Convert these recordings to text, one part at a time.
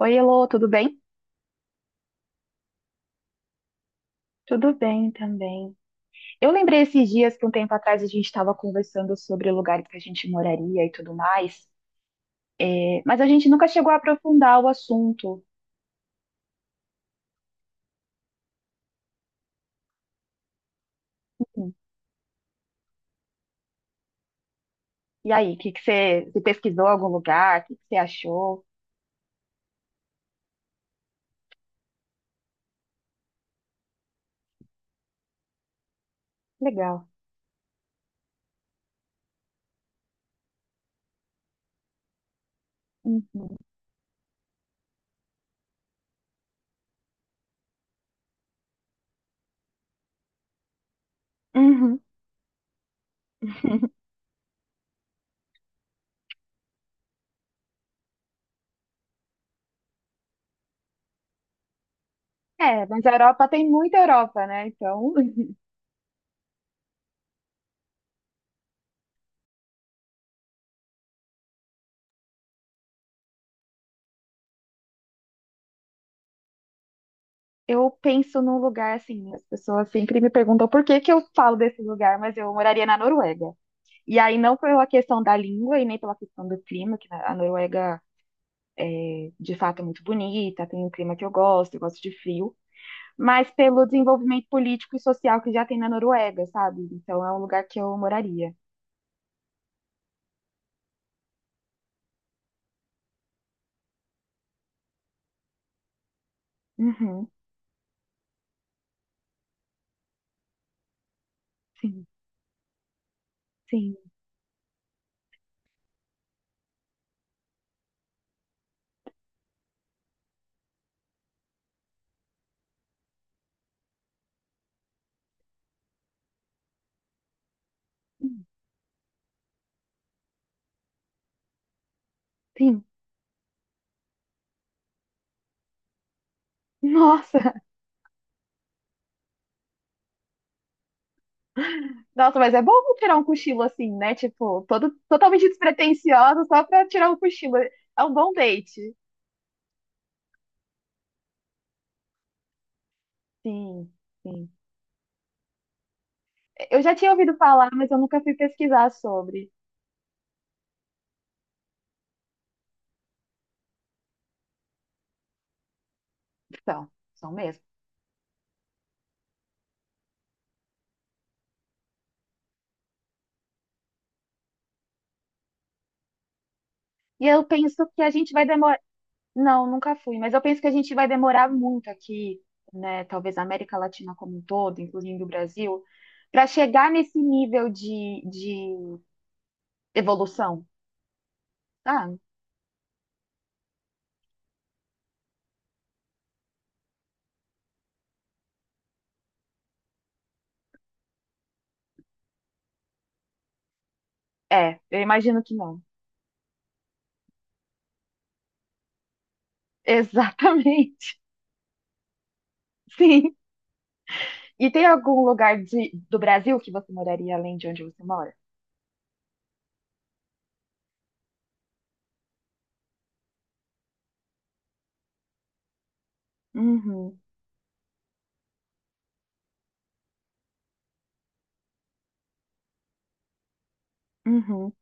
Oi, Elô, tudo bem? Tudo bem também. Eu lembrei esses dias que um tempo atrás a gente estava conversando sobre lugares que a gente moraria e tudo mais, é, mas a gente nunca chegou a aprofundar o assunto. Hum. E aí, o que que você pesquisou algum lugar? O que que você achou? Legal. Uhum. Uhum. É, mas a Europa tem muita Europa, né? Então, eu penso num lugar assim, as pessoas sempre me perguntam por que que eu falo desse lugar, mas eu moraria na Noruega. E aí, não pela questão da língua e nem pela questão do clima, que a Noruega, de fato, é muito bonita, tem um clima que eu gosto de frio, mas pelo desenvolvimento político e social que já tem na Noruega, sabe? Então, é um lugar que eu moraria. Uhum, sim, sim, sim. Nossa, nossa, mas é bom tirar um cochilo assim, né? Tipo, todo, totalmente despretensiosa, só pra tirar um cochilo. É um bom date. Sim, sim. Eu já tinha ouvido falar, mas eu nunca fui pesquisar sobre. Então, são mesmo. E eu penso que a gente vai demorar. Não, nunca fui, mas eu penso que a gente vai demorar muito aqui, né? Talvez a América Latina como um todo, incluindo o Brasil, para chegar nesse nível de evolução. Ah, é, eu imagino que não. Exatamente, sim. E tem algum lugar do Brasil que você moraria além de onde você mora? Uhum, uhum.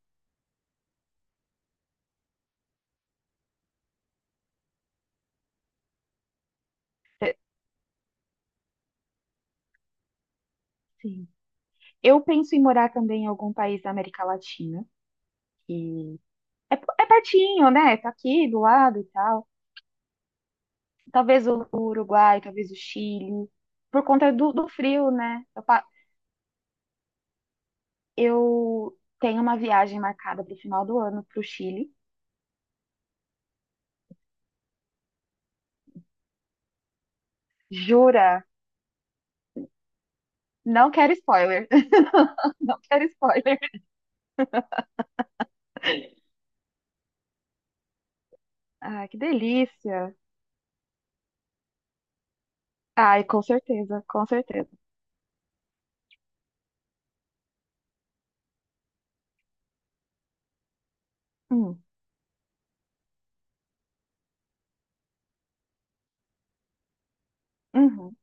É, sim. Eu penso em morar também em algum país da América Latina, que é pertinho, né? Tá aqui do lado e tal. Talvez o Uruguai, talvez o Chile, por conta do frio, né? Eu tenho uma viagem marcada para o final do ano para o Chile. Jura? Não quero spoiler. Não quero spoiler. Ai, que delícia. Ai, com certeza, com certeza. Hum, uhum,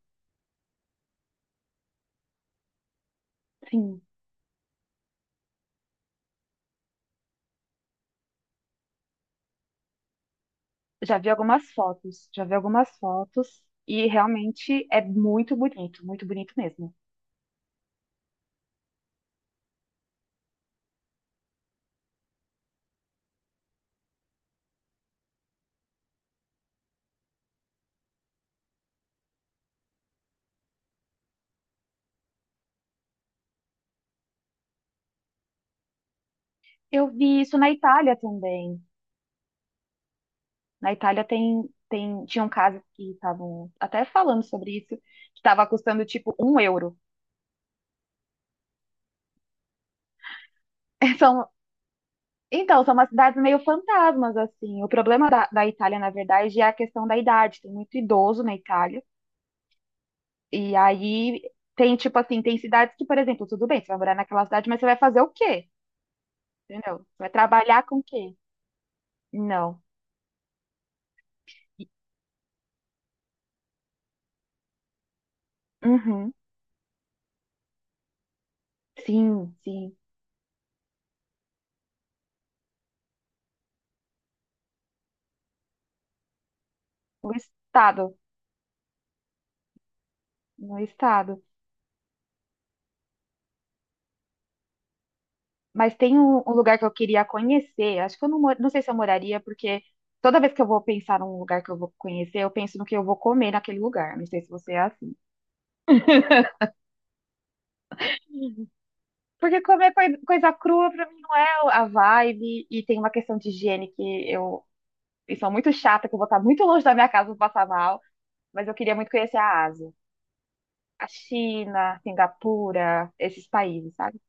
sim. Já vi algumas fotos, já vi algumas fotos e realmente é muito bonito mesmo. Eu vi isso na Itália também. Na Itália tinham casas que estavam até falando sobre isso, que estava custando tipo um euro. São, então, são umas cidades meio fantasmas, assim. O problema da Itália, na verdade, é a questão da idade. Tem muito idoso na Itália. E aí tem, tipo assim, tem cidades que, por exemplo, tudo bem, você vai morar naquela cidade, mas você vai fazer o quê? Entendeu? Você vai trabalhar com o quê? Não. Uhum. Sim, sim. No estado. No estado. Mas tem um lugar que eu queria conhecer. Acho que eu não sei se eu moraria, porque toda vez que eu vou pensar num lugar que eu vou conhecer, eu penso no que eu vou comer naquele lugar. Não sei se você é assim. Porque comer coisa crua pra mim não é a vibe, e tem uma questão de higiene que eu sou muito chata, que eu vou estar muito longe da minha casa, vou passar mal. Mas eu queria muito conhecer a Ásia. A China, Singapura, esses países, sabe?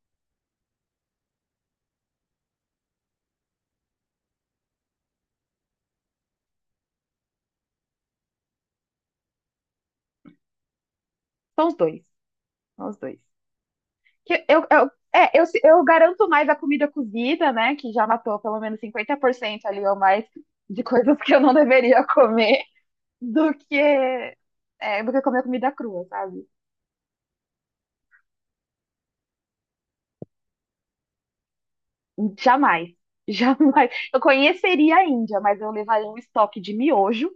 São os dois. São os dois. Que eu, é, eu, se- eu garanto mais a comida cozida, né? Que já matou pelo menos 50% ali ou mais de coisas que eu não deveria comer do que, do que comer comida crua, sabe? Jamais. Jamais. Eu conheceria a Índia, mas eu levaria um estoque de miojo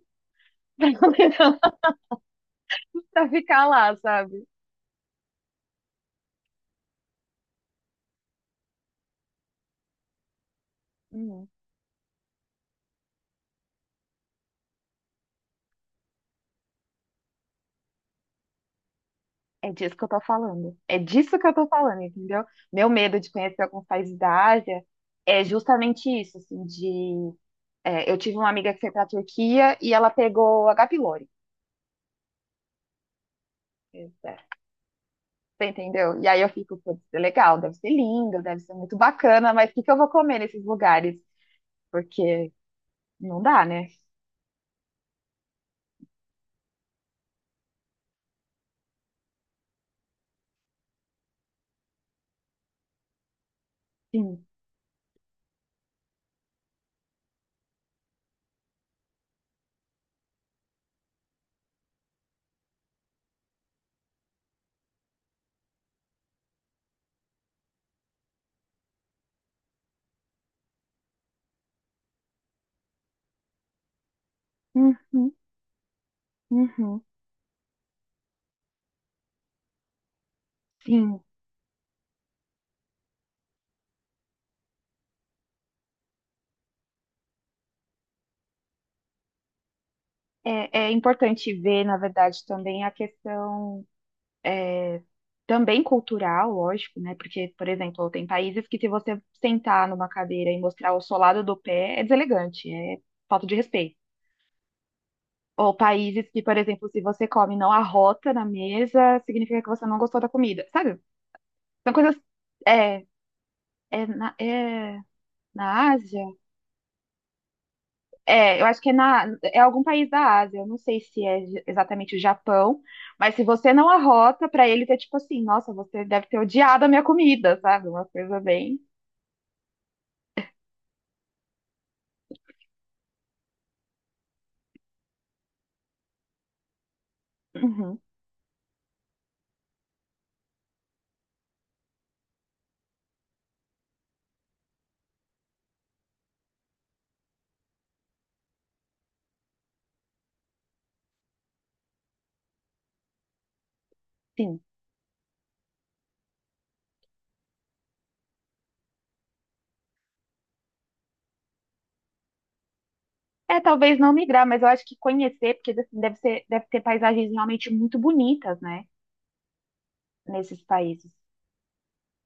pra levar- pra ficar lá, sabe? Hum. É disso que eu tô falando. É disso que eu tô falando, entendeu? Meu medo de conhecer alguns países da Ásia é justamente isso, assim, de. É, eu tive uma amiga que foi pra Turquia e ela pegou H. pylori. É, você entendeu? E aí eu fico, putz, é legal, deve ser lindo, deve ser muito bacana, mas o que que eu vou comer nesses lugares? Porque não dá, né? Sim. Uhum, uhum, sim. É, é importante ver, na verdade, também a questão é, também cultural, lógico, né? Porque, por exemplo, tem países que se você sentar numa cadeira e mostrar o solado do pé, é deselegante, é falta de respeito. Ou países que, por exemplo, se você come e não arrota na mesa, significa que você não gostou da comida. Sabe? São coisas. É, é na Ásia? É, eu acho que é algum país da Ásia. Eu não sei se é exatamente o Japão, mas se você não arrota, pra ele é tipo assim: nossa, você deve ter odiado a minha comida, sabe? Uma coisa bem. Uhum, sim. É, talvez não migrar, mas eu acho que conhecer, porque assim, deve ser, deve ter paisagens realmente muito bonitas, né? Nesses países.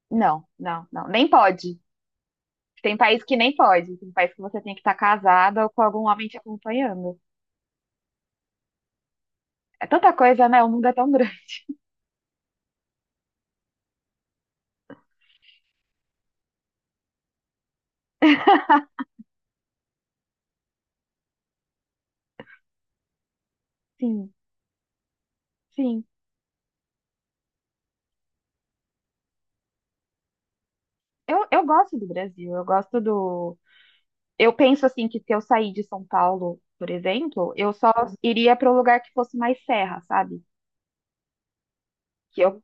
Não, não, não. Nem pode. Tem país que nem pode, tem país que você tem que estar casada ou com algum homem te acompanhando. É tanta coisa, né? O mundo é tão grande. Sim, sim. Eu gosto do Brasil, eu gosto do. Eu penso assim que se eu sair de São Paulo, por exemplo, eu só iria para um lugar que fosse mais serra, sabe? Que eu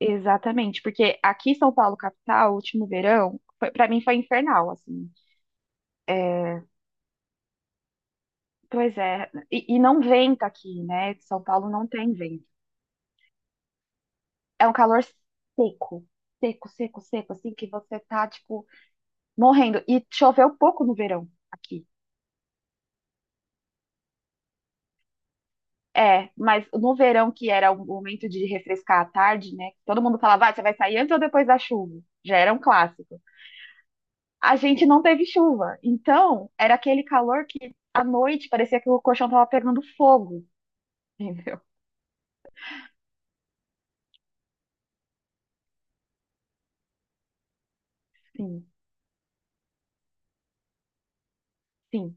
exatamente, porque aqui em São Paulo capital, o último verão, para mim foi infernal, assim. Pois é, e não venta aqui, né? São Paulo não tem vento. É um calor seco, seco, seco, seco, assim, que você tá, tipo, morrendo. E choveu pouco no verão aqui. É, mas no verão, que era o momento de refrescar à tarde, né? Todo mundo falava, "Ah, você vai sair antes ou depois da chuva?" Já era um clássico. A gente não teve chuva. Então, era aquele calor que à noite parecia que o colchão tava pegando fogo, entendeu? Sim, sim.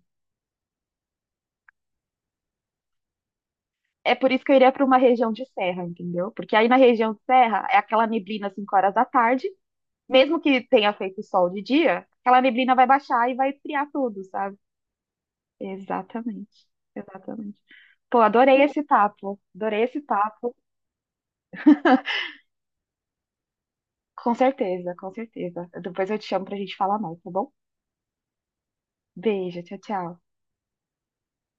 É por isso que eu iria para uma região de serra, entendeu? Porque aí na região de serra é aquela neblina às 5 horas da tarde. Mesmo que tenha feito sol de dia, aquela neblina vai baixar e vai esfriar tudo, sabe? Exatamente, exatamente. Pô, adorei esse papo, adorei esse papo. Com certeza, com certeza. Depois eu te chamo pra gente falar mais, tá bom? Beijo, tchau, tchau.